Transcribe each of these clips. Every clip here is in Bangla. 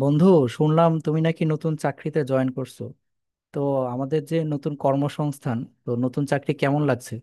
বন্ধু, শুনলাম তুমি নাকি নতুন চাকরিতে জয়েন করছো। তো আমাদের যে নতুন কর্মসংস্থান, তো নতুন চাকরি কেমন লাগছে?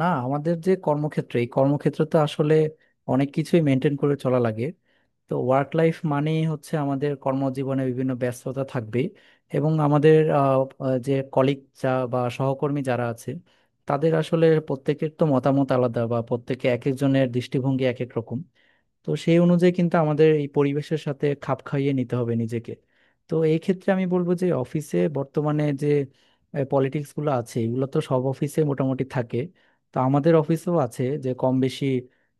না, আমাদের যে কর্মক্ষেত্র, এই কর্মক্ষেত্র তো আসলে অনেক কিছুই মেনটেন করে চলা লাগে। তো ওয়ার্ক লাইফ মানেই হচ্ছে আমাদের কর্মজীবনে বিভিন্ন ব্যস্ততা থাকবে, এবং আমাদের আহ, আহ, যে কলিগ যা বা সহকর্মী যারা আছে, তাদের আসলে প্রত্যেকের তো মতামত আলাদা, বা প্রত্যেকে এক একজনের দৃষ্টিভঙ্গি এক এক রকম। তো সেই অনুযায়ী কিন্তু আমাদের এই পরিবেশের সাথে খাপ খাইয়ে নিতে হবে নিজেকে। তো এই ক্ষেত্রে আমি বলবো যে অফিসে বর্তমানে যে পলিটিক্স গুলো আছে, এগুলো তো সব অফিসে মোটামুটি থাকে। তো আমাদের অফিসেও আছে, যে কম বেশি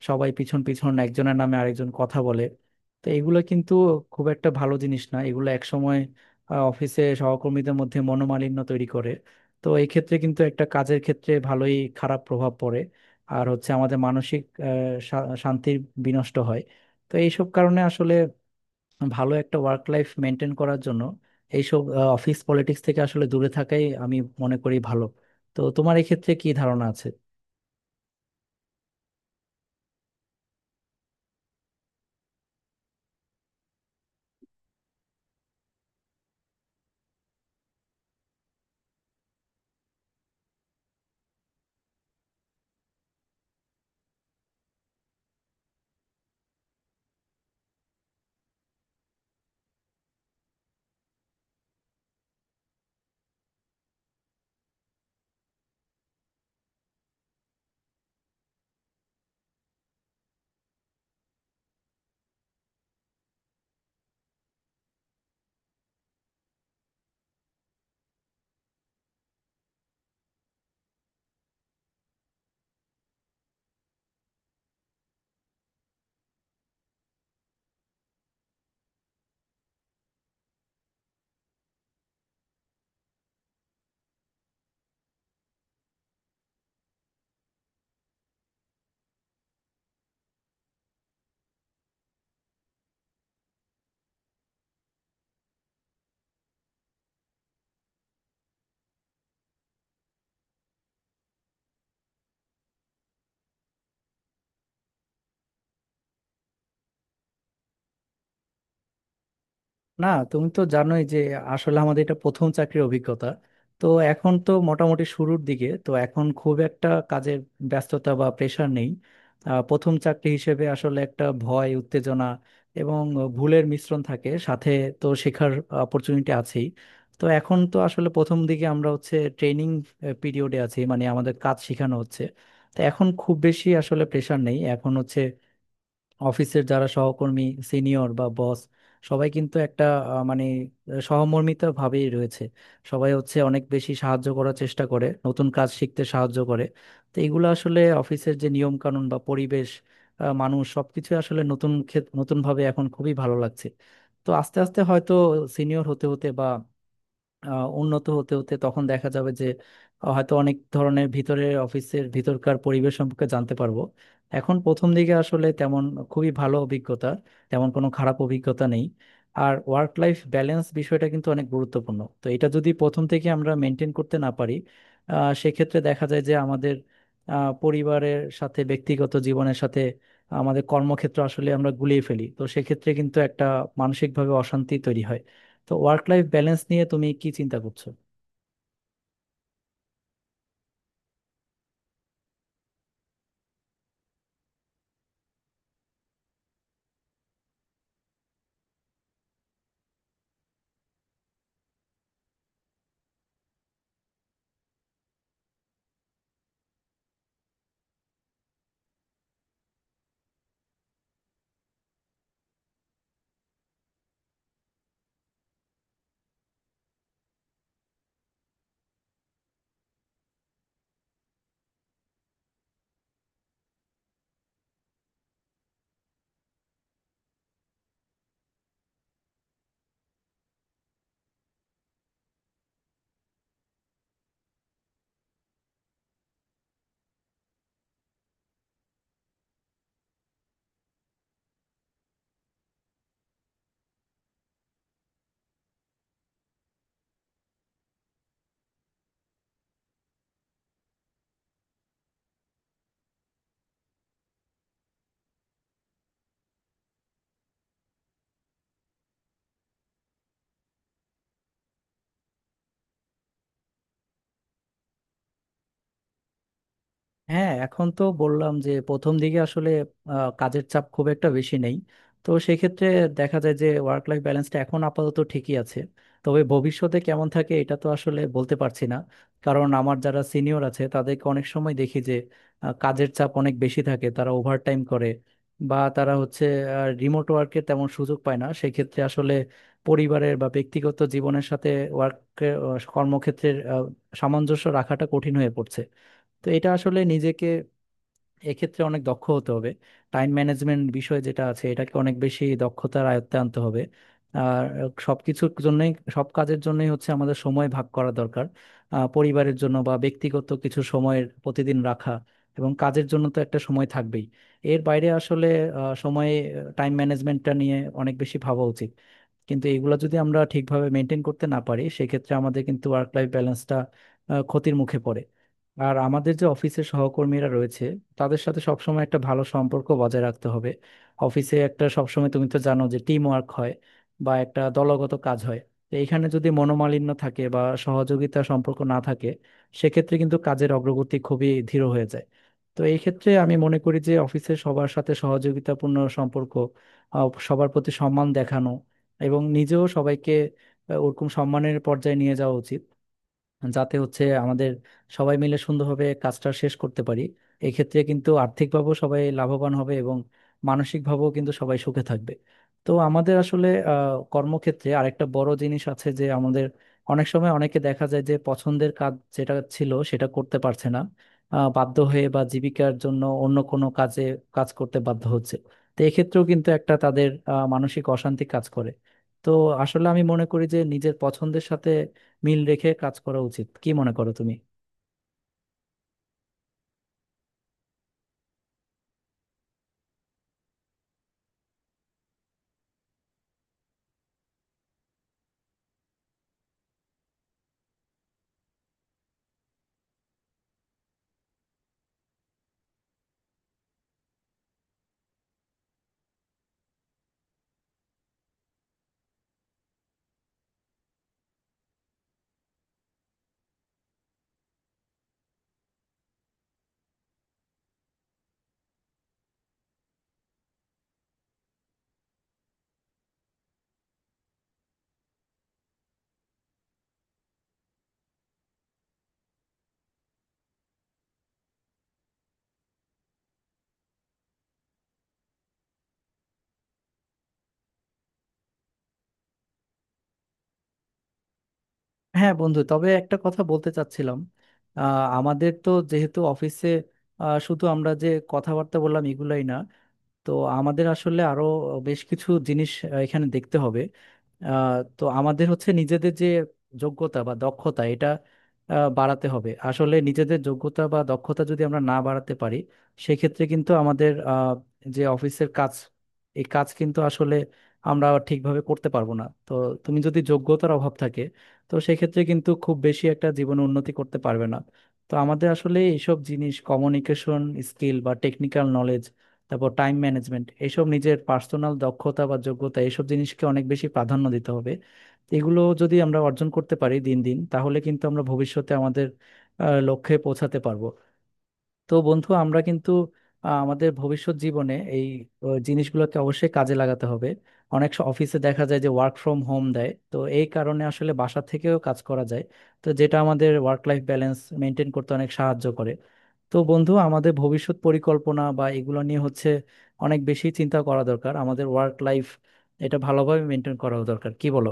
সবাই পিছন পিছন একজনের নামে আরেকজন কথা বলে। তো এগুলো কিন্তু খুব একটা ভালো জিনিস না, এগুলো একসময় অফিসে সহকর্মীদের মধ্যে মনোমালিন্য তৈরি করে। তো এই ক্ষেত্রে কিন্তু একটা কাজের ক্ষেত্রে ভালোই খারাপ প্রভাব পড়ে। আর হচ্ছে আমাদের মানসিক শান্তির বিনষ্ট হয়। তো এইসব কারণে আসলে ভালো একটা ওয়ার্ক লাইফ মেনটেন করার জন্য এইসব অফিস পলিটিক্স থেকে আসলে দূরে থাকাই আমি মনে করি ভালো। তো তোমার এক্ষেত্রে কি ধারণা আছে? না, তুমি তো জানোই যে আসলে আমাদের এটা প্রথম চাকরির অভিজ্ঞতা। তো এখন তো মোটামুটি শুরুর দিকে, তো এখন খুব একটা কাজের ব্যস্ততা বা প্রেশার নেই। প্রথম চাকরি হিসেবে আসলে একটা ভয়, উত্তেজনা এবং ভুলের মিশ্রণ থাকে সাথে। তো শেখার অপরচুনিটি আছেই। তো এখন তো আসলে প্রথম দিকে আমরা হচ্ছে ট্রেনিং পিরিয়ডে আছি, মানে আমাদের কাজ শেখানো হচ্ছে। তো এখন খুব বেশি আসলে প্রেশার নেই। এখন হচ্ছে অফিসের যারা সহকর্মী, সিনিয়র বা বস, সবাই কিন্তু একটা মানে সহমর্মিতা ভাবেই রয়েছে। সবাই হচ্ছে অনেক বেশি সাহায্য করার চেষ্টা করে, নতুন কাজ শিখতে সাহায্য করে। তো এগুলো আসলে অফিসের যে নিয়ম কানুন বা পরিবেশ, মানুষ, সবকিছু আসলে নতুন ক্ষেত, নতুন ভাবে এখন খুবই ভালো লাগছে। তো আস্তে আস্তে হয়তো সিনিয়র হতে হতে বা উন্নত হতে হতে তখন দেখা যাবে যে হয়তো অনেক ধরনের ভিতরে অফিসের ভিতরকার পরিবেশ সম্পর্কে জানতে পারবো। এখন প্রথম দিকে আসলে তেমন খুবই ভালো অভিজ্ঞতা, তেমন কোনো খারাপ অভিজ্ঞতা নেই। আর ওয়ার্ক লাইফ ব্যালেন্স বিষয়টা কিন্তু অনেক গুরুত্বপূর্ণ, তো এটা যদি প্রথম থেকে আমরা মেনটেন করতে না পারি, সেক্ষেত্রে দেখা যায় যে আমাদের পরিবারের সাথে, ব্যক্তিগত জীবনের সাথে আমাদের কর্মক্ষেত্র আসলে আমরা গুলিয়ে ফেলি। তো সেক্ষেত্রে কিন্তু একটা মানসিকভাবে অশান্তি তৈরি হয়। তো ওয়ার্ক লাইফ ব্যালেন্স নিয়ে তুমি কি চিন্তা করছো? হ্যাঁ, এখন তো বললাম যে প্রথম দিকে আসলে কাজের চাপ খুব একটা বেশি নেই। তো সেক্ষেত্রে দেখা যায় যে ওয়ার্ক লাইফ ব্যালেন্সটা এখন আপাতত ঠিকই আছে। তবে ভবিষ্যতে কেমন থাকে এটা তো আসলে বলতে পারছি না, কারণ আমার যারা সিনিয়র আছে তাদেরকে অনেক সময় দেখি যে কাজের চাপ অনেক বেশি থাকে, তারা ওভারটাইম করে, বা তারা হচ্ছে রিমোট ওয়ার্কের তেমন সুযোগ পায় না। সেক্ষেত্রে আসলে পরিবারের বা ব্যক্তিগত জীবনের সাথে ওয়ার্ক, কর্মক্ষেত্রের সামঞ্জস্য রাখাটা কঠিন হয়ে পড়ছে। তো এটা আসলে নিজেকে এক্ষেত্রে অনেক দক্ষ হতে হবে। টাইম ম্যানেজমেন্ট বিষয় যেটা আছে, এটাকে অনেক বেশি দক্ষতার আয়ত্তে আনতে হবে। আর সবকিছুর জন্যই, সব কাজের জন্যই হচ্ছে আমাদের সময় ভাগ করা দরকার। পরিবারের জন্য বা ব্যক্তিগত কিছু সময়ের প্রতিদিন রাখা, এবং কাজের জন্য তো একটা সময় থাকবেই। এর বাইরে আসলে আহ, সময়ে টাইম ম্যানেজমেন্টটা নিয়ে অনেক বেশি ভাবা উচিত। কিন্তু এগুলো যদি আমরা ঠিকভাবে মেনটেন করতে না পারি, সেক্ষেত্রে আমাদের কিন্তু ওয়ার্ক লাইফ ব্যালেন্সটা ক্ষতির মুখে পড়ে। আর আমাদের যে অফিসের সহকর্মীরা রয়েছে, তাদের সাথে সবসময় একটা ভালো সম্পর্ক বজায় রাখতে হবে। অফিসে একটা সবসময়, তুমি তো জানো যে টিম ওয়ার্ক হয় বা একটা দলগত কাজ হয়। তো এখানে যদি মনোমালিন্য থাকে বা সহযোগিতা সম্পর্ক না থাকে, সেক্ষেত্রে কিন্তু কাজের অগ্রগতি খুবই ধীর হয়ে যায়। তো এই ক্ষেত্রে আমি মনে করি যে অফিসে সবার সাথে সহযোগিতাপূর্ণ সম্পর্ক, সবার প্রতি সম্মান দেখানো এবং নিজেও সবাইকে ওরকম সম্মানের পর্যায়ে নিয়ে যাওয়া উচিত, যাতে হচ্ছে আমাদের সবাই মিলে সুন্দরভাবে কাজটা শেষ করতে পারি। এক্ষেত্রে কিন্তু আর্থিকভাবেও সবাই লাভবান হবে এবং মানসিকভাবেও কিন্তু সবাই সুখে থাকবে। তো আমাদের আসলে কর্মক্ষেত্রে আরেকটা বড় জিনিস আছে যে আমাদের অনেক সময় অনেকে দেখা যায় যে পছন্দের কাজ যেটা ছিল সেটা করতে পারছে না, বাধ্য হয়ে বা জীবিকার জন্য অন্য কোনো কাজে কাজ করতে বাধ্য হচ্ছে। তো এক্ষেত্রেও কিন্তু একটা তাদের মানসিক অশান্তি কাজ করে। তো আসলে আমি মনে করি যে নিজের পছন্দের সাথে মিল রেখে কাজ করা উচিত। কি মনে করো তুমি? হ্যাঁ বন্ধু, তবে একটা কথা বলতে চাচ্ছিলাম। আমাদের তো যেহেতু অফিসে শুধু আমরা যে কথাবার্তা বললাম এগুলাই না, তো আমাদের আসলে আরো বেশ কিছু জিনিস এখানে দেখতে হবে। আহ, তো আমাদের হচ্ছে নিজেদের যে যোগ্যতা বা দক্ষতা এটা বাড়াতে হবে। আসলে নিজেদের যোগ্যতা বা দক্ষতা যদি আমরা না বাড়াতে পারি, সেক্ষেত্রে কিন্তু আমাদের যে অফিসের কাজ, এই কাজ কিন্তু আসলে আমরা ঠিকভাবে করতে পারবো না। তো তুমি যদি, যোগ্যতার অভাব থাকে তো সেক্ষেত্রে কিন্তু খুব বেশি একটা জীবনে উন্নতি করতে পারবে না। তো আমাদের আসলে এইসব জিনিস কমিউনিকেশন স্কিল বা টেকনিক্যাল নলেজ, তারপর টাইম ম্যানেজমেন্ট, এইসব নিজের পার্সোনাল দক্ষতা বা যোগ্যতা এইসব জিনিসকে অনেক বেশি প্রাধান্য দিতে হবে। তো এগুলো যদি আমরা অর্জন করতে পারি দিন দিন, তাহলে কিন্তু আমরা ভবিষ্যতে আমাদের লক্ষ্যে পৌঁছাতে পারবো। তো বন্ধু, আমরা কিন্তু আমাদের ভবিষ্যৎ জীবনে এই জিনিসগুলোকে অবশ্যই কাজে লাগাতে হবে। অনেক অফিসে দেখা যায় যে ওয়ার্ক ফ্রম হোম দেয়, তো এই কারণে আসলে বাসা থেকেও কাজ করা যায়, তো যেটা আমাদের ওয়ার্ক লাইফ ব্যালেন্স মেনটেন করতে অনেক সাহায্য করে। তো বন্ধু, আমাদের ভবিষ্যৎ পরিকল্পনা বা এগুলো নিয়ে হচ্ছে অনেক বেশি চিন্তা করা দরকার, আমাদের ওয়ার্ক লাইফ, এটা ভালোভাবে মেনটেন করা দরকার। কি বলো?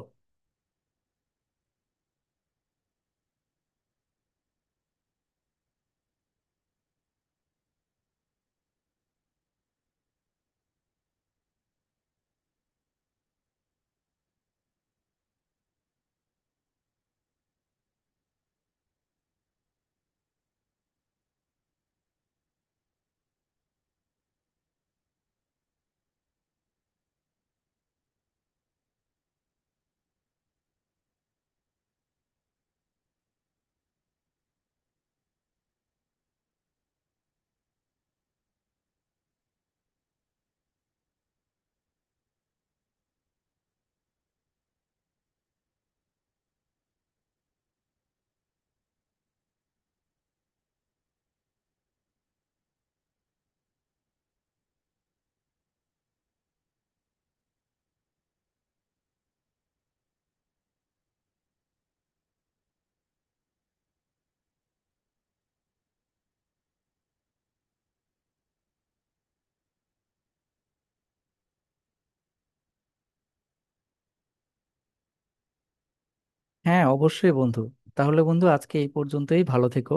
হ্যাঁ অবশ্যই বন্ধু। তাহলে বন্ধু, আজকে এই পর্যন্তই। ভালো থেকো।